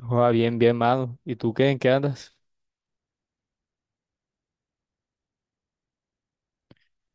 Joda, bien, bien, mano. ¿Y tú qué? ¿En qué andas?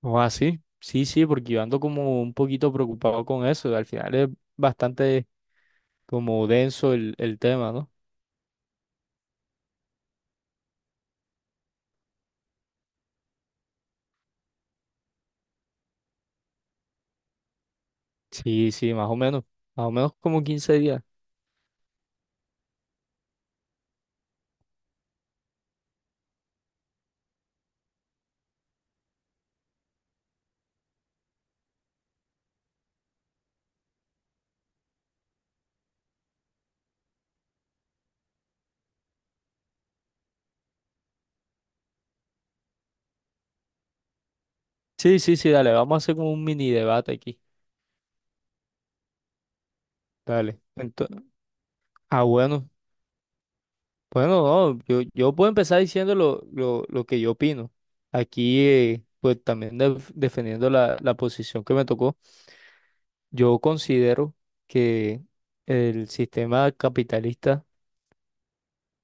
Joda, sí. Sí, sí, porque yo ando como un poquito preocupado con eso. Al final es bastante como denso el tema, ¿no? Sí, sí, más o menos. Más o menos como 15 días. Sí, sí, sí, dale, vamos a hacer como un mini debate aquí. Dale. Entonces, ah, bueno. Bueno, no, yo puedo empezar diciendo lo que yo opino. Aquí, pues también defendiendo la posición que me tocó. Yo considero que el sistema capitalista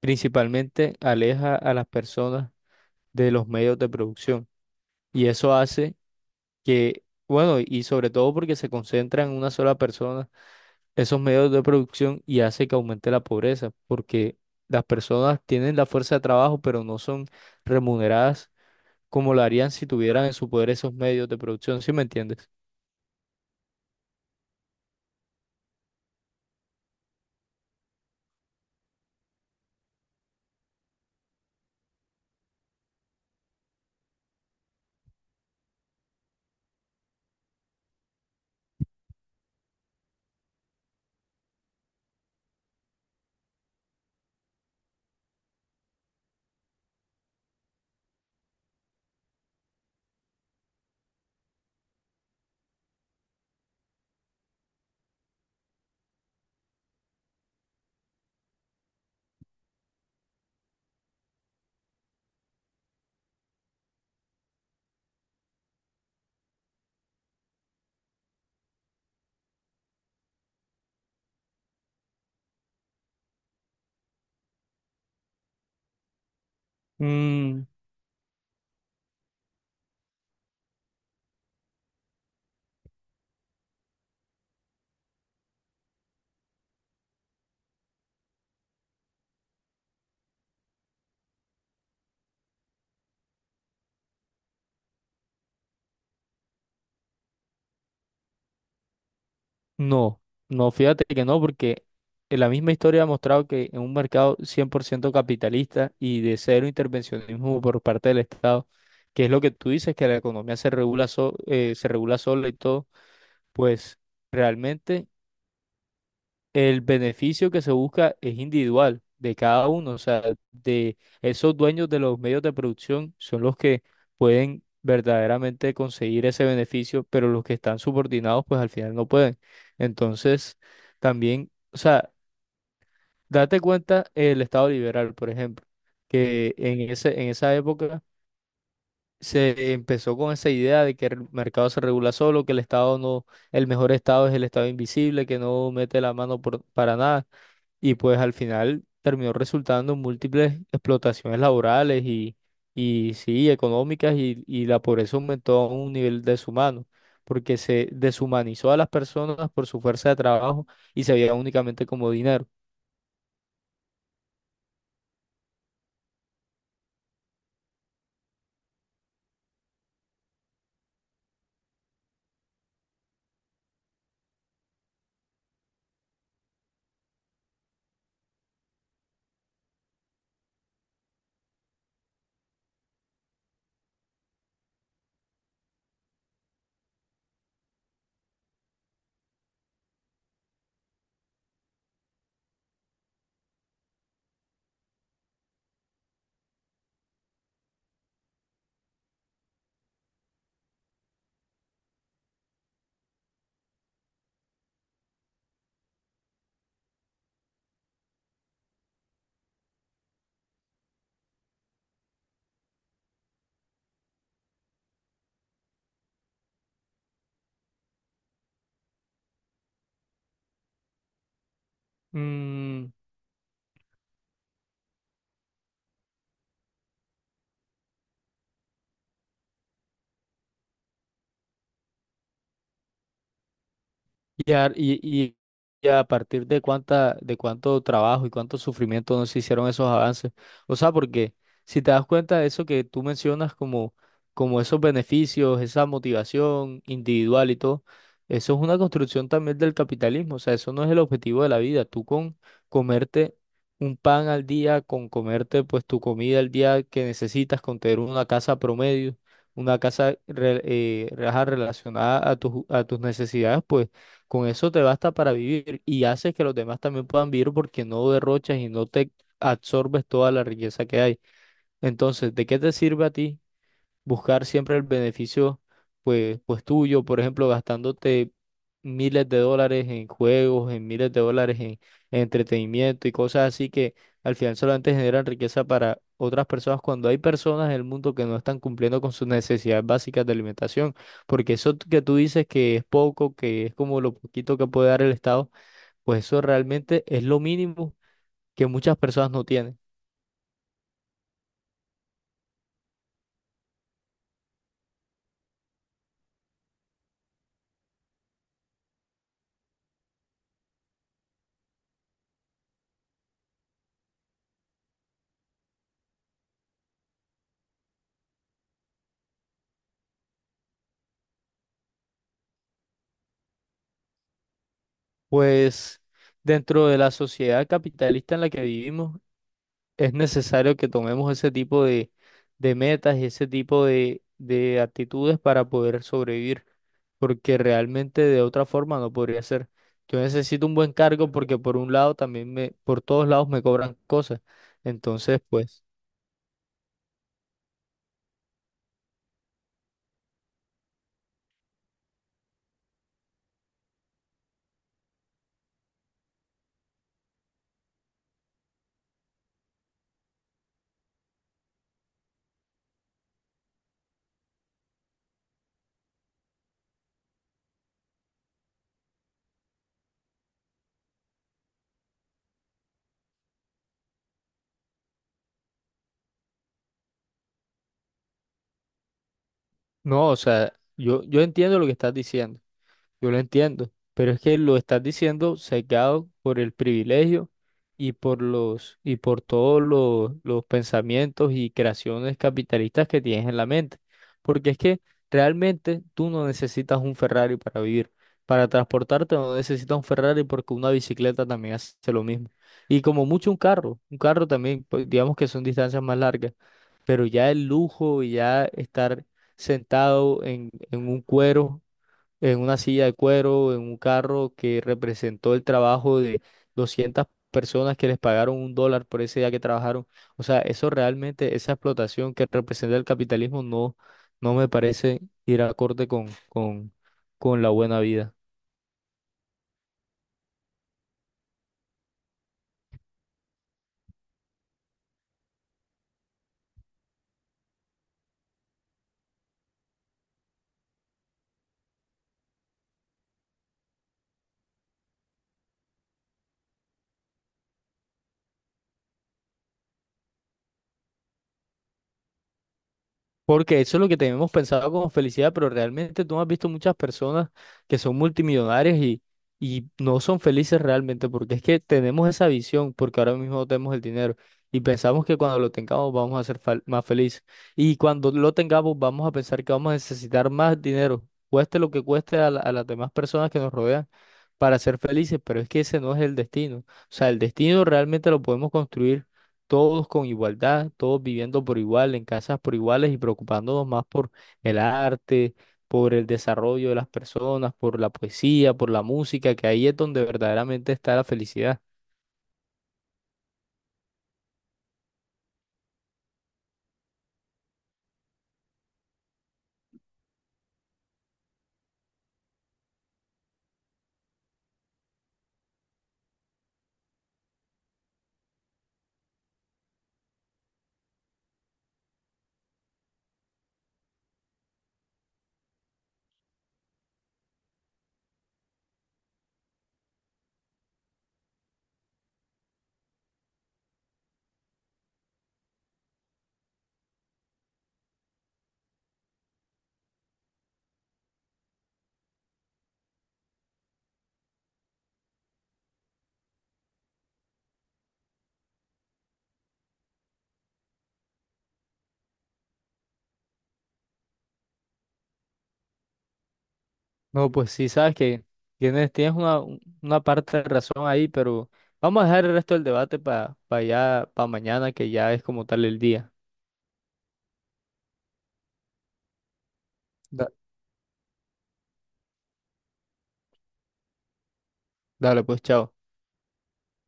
principalmente aleja a las personas de los medios de producción y eso hace que, bueno, y sobre todo porque se concentra en una sola persona esos medios de producción y hace que aumente la pobreza porque las personas tienen la fuerza de trabajo pero no son remuneradas como lo harían si tuvieran en su poder esos medios de producción, ¿sí me entiendes? No, no, fíjate que no, porque en la misma historia ha mostrado que en un mercado 100% capitalista y de cero intervencionismo por parte del Estado, que es lo que tú dices, que la economía se regula, se regula sola y todo, pues realmente el beneficio que se busca es individual de cada uno, o sea, de esos dueños de los medios de producción son los que pueden verdaderamente conseguir ese beneficio, pero los que están subordinados pues al final no pueden. Entonces, también, o sea, date cuenta el Estado liberal, por ejemplo, que en esa época se empezó con esa idea de que el mercado se regula solo, que el Estado no, el mejor Estado es el Estado invisible, que no mete la mano para nada. Y pues al final terminó resultando en múltiples explotaciones laborales y sí, económicas, y la pobreza aumentó a un nivel deshumano, porque se deshumanizó a las personas por su fuerza de trabajo y se veía únicamente como dinero. Mm. Y a, y, y- y a partir de cuánto trabajo y cuánto sufrimiento no se hicieron esos avances. O sea, porque si te das cuenta de eso que tú mencionas como, como esos beneficios, esa motivación individual y todo, eso es una construcción también del capitalismo. O sea, eso no es el objetivo de la vida. Tú con comerte un pan al día, con comerte pues tu comida al día que necesitas, con tener una casa promedio, una ajá, relacionada a a tus necesidades, pues. Con eso te basta para vivir y haces que los demás también puedan vivir porque no derrochas y no te absorbes toda la riqueza que hay. Entonces, ¿de qué te sirve a ti buscar siempre el beneficio pues tuyo, por ejemplo, gastándote miles de dólares en juegos, en miles de dólares en entretenimiento y cosas así que al final solamente generan riqueza para otras personas cuando hay personas en el mundo que no están cumpliendo con sus necesidades básicas de alimentación, porque eso que tú dices que es poco, que es como lo poquito que puede dar el Estado, pues eso realmente es lo mínimo que muchas personas no tienen. Pues dentro de la sociedad capitalista en la que vivimos, es necesario que tomemos ese tipo de metas y ese tipo de actitudes para poder sobrevivir, porque realmente de otra forma no podría ser. Yo necesito un buen cargo porque por un lado también me, por todos lados me cobran cosas. Entonces, pues, no, o sea, yo entiendo lo que estás diciendo. Yo lo entiendo, pero es que lo estás diciendo sesgado por el privilegio y por los y por todos los pensamientos y creaciones capitalistas que tienes en la mente. Porque es que realmente tú no necesitas un Ferrari para vivir. Para transportarte no necesitas un Ferrari porque una bicicleta también hace lo mismo. Y como mucho un carro también, pues, digamos que son distancias más largas, pero ya el lujo y ya estar en un cuero en una silla de cuero, en un carro que representó el trabajo de 200 personas que les pagaron $1 por ese día que trabajaron. O sea, eso realmente, esa explotación que representa el capitalismo no, no me parece ir acorde con la buena vida. Porque eso es lo que tenemos pensado como felicidad, pero realmente tú no has visto muchas personas que son multimillonarias y no son felices realmente, porque es que tenemos esa visión, porque ahora mismo no tenemos el dinero y pensamos que cuando lo tengamos vamos a ser más felices. Y cuando lo tengamos vamos a pensar que vamos a necesitar más dinero, cueste lo que cueste a las demás personas que nos rodean para ser felices, pero es que ese no es el destino. O sea, el destino realmente lo podemos construir todos con igualdad, todos viviendo por igual, en casas por iguales y preocupándonos más por el arte, por el desarrollo de las personas, por la poesía, por la música, que ahí es donde verdaderamente está la felicidad. No, pues sí, sabes que tienes, tienes una parte de razón ahí, pero vamos a dejar el resto del debate para para mañana, que ya es como tal el día. Da- Dale, pues, chao.